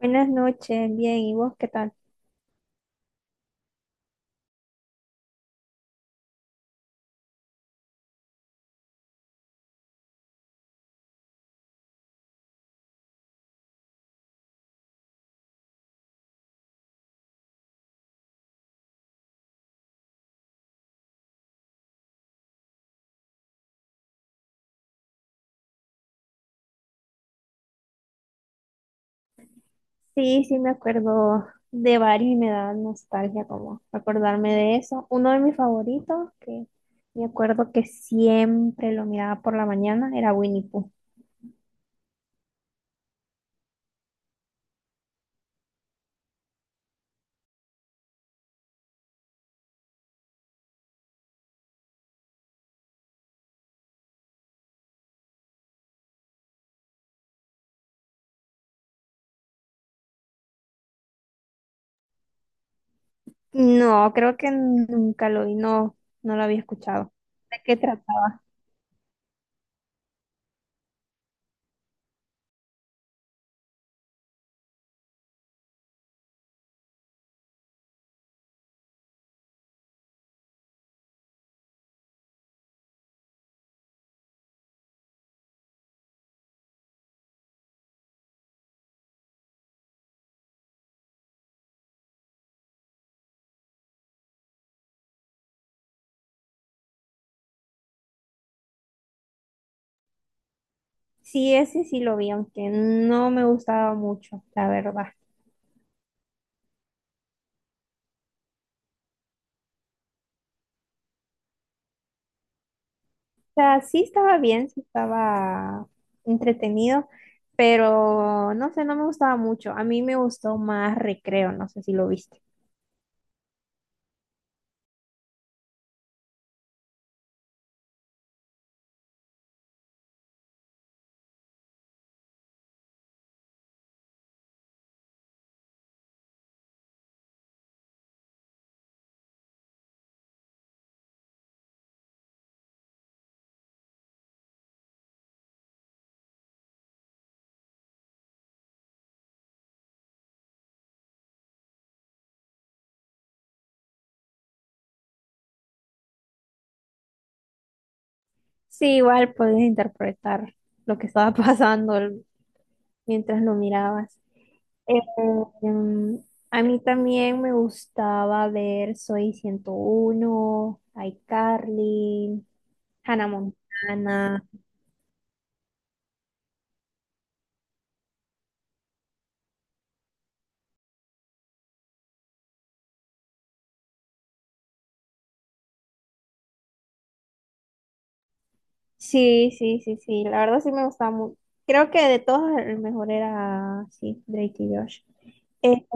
Buenas noches, bien, ¿y vos qué tal? Sí, sí, me acuerdo de varios y me da nostalgia como acordarme de eso. Uno de mis favoritos, que me acuerdo que siempre lo miraba por la mañana, era Winnie Pooh. No, creo que nunca lo vi, no, no lo había escuchado. ¿De qué trataba? Sí, ese sí lo vi, aunque no me gustaba mucho, la verdad. O sea, sí estaba bien, sí estaba entretenido, pero no sé, no me gustaba mucho. A mí me gustó más Recreo, no sé si lo viste. Sí, igual podías interpretar lo que estaba pasando mientras lo mirabas. Eh, em, a mí también me gustaba ver Soy 101, iCarly, Hannah Montana. Sí, sí, sí, sí. La verdad sí me gustaba mucho. Creo que de todos el mejor era, sí, Drake y Josh. Este,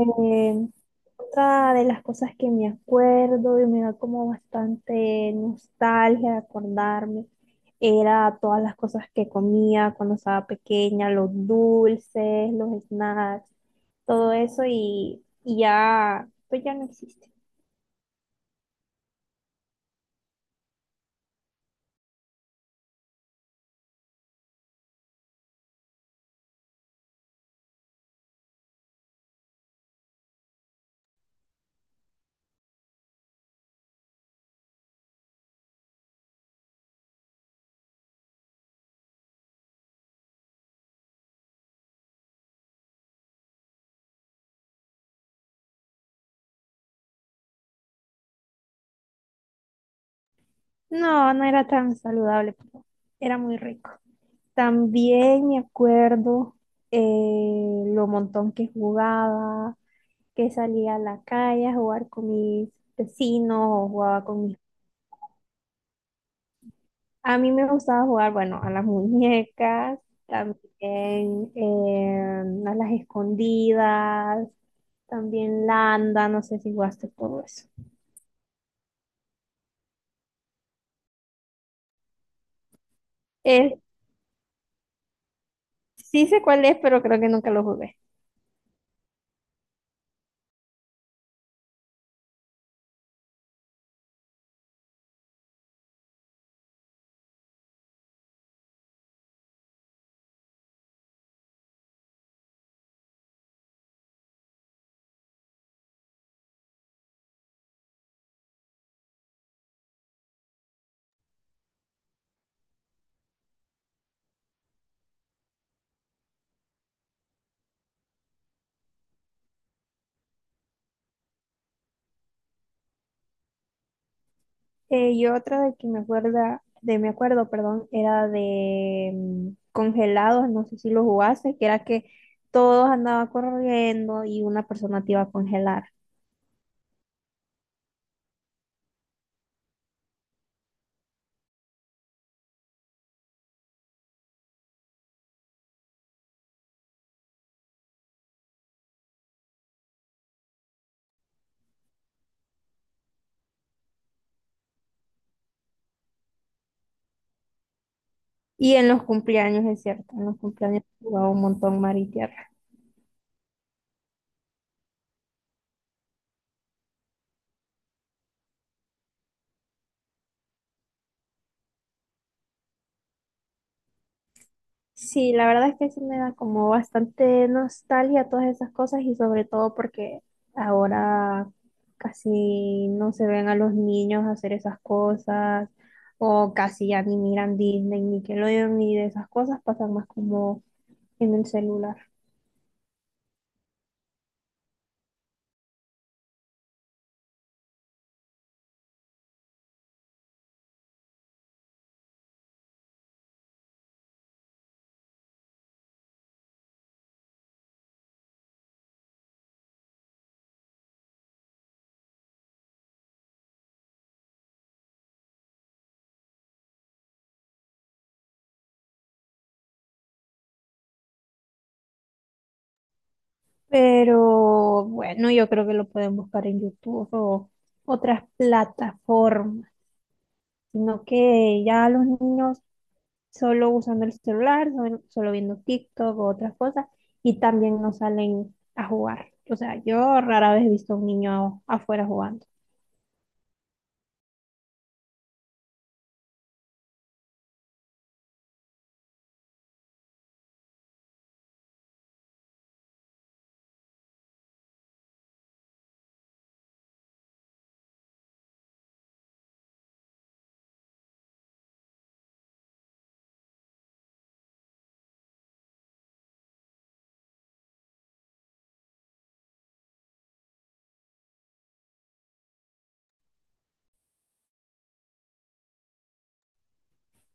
otra de las cosas que me acuerdo y me da como bastante nostalgia de acordarme era todas las cosas que comía cuando estaba pequeña, los dulces, los snacks, todo eso y ya, pues ya no existe. No, no era tan saludable, pero era muy rico. También me acuerdo lo montón que jugaba, que salía a la calle a jugar con mis vecinos o jugaba con mis... A mí me gustaba jugar, bueno, a las muñecas, también a las escondidas, también landa, no sé si jugaste todo eso. Eh, sí sé cuál es, pero creo que nunca lo jugué. Y otra de que me acuerda, de me acuerdo, perdón, era de congelados, no sé si lo jugaste, que era que todos andaban corriendo y una persona te iba a congelar. Y en los cumpleaños, es cierto, en los cumpleaños jugaba un montón mar y tierra. Sí, la verdad es que sí me da como bastante nostalgia todas esas cosas y sobre todo porque ahora casi no se ven a los niños hacer esas cosas o casi ya ni miran Disney, Nickelodeon ni de esas cosas, pasan más como en el celular. Pero bueno, yo creo que lo pueden buscar en YouTube o otras plataformas, sino que ya los niños solo usando el celular, solo viendo TikTok o otras cosas, y también no salen a jugar. O sea, yo rara vez he visto a un niño afuera jugando.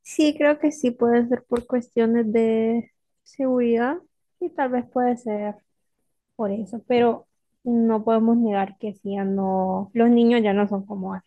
Sí, creo que sí puede ser por cuestiones de seguridad y tal vez puede ser por eso, pero no podemos negar que sí, ya no, los niños ya no son como antes.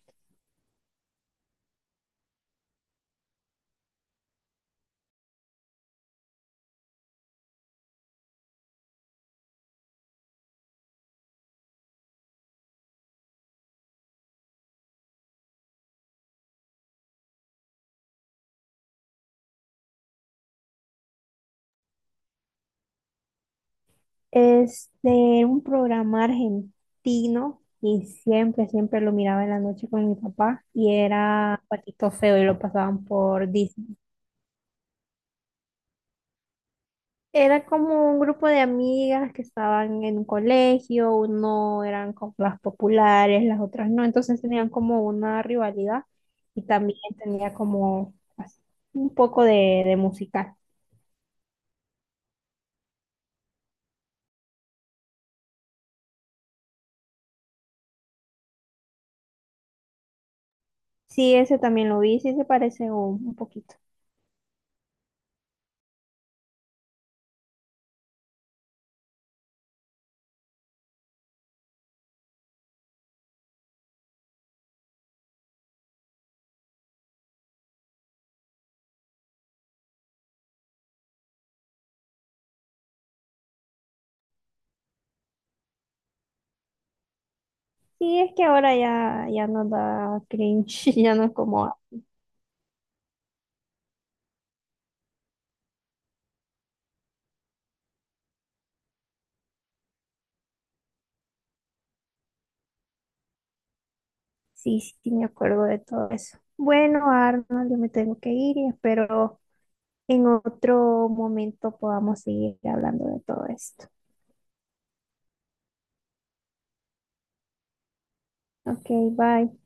Es de un programa argentino y siempre lo miraba en la noche con mi papá y era Patito Feo y lo pasaban por Disney. Era como un grupo de amigas que estaban en un colegio, uno eran como las populares, las otras no, entonces tenían como una rivalidad y también tenía como así, un poco de musical. Sí, ese también lo vi, sí se parece un poquito. Sí, es que ahora ya, ya no da cringe, ya no es como, ah, sí, sí, me acuerdo de todo eso. Bueno, Arnold, yo me tengo que ir y espero en otro momento podamos seguir hablando de todo esto. Ok, bye.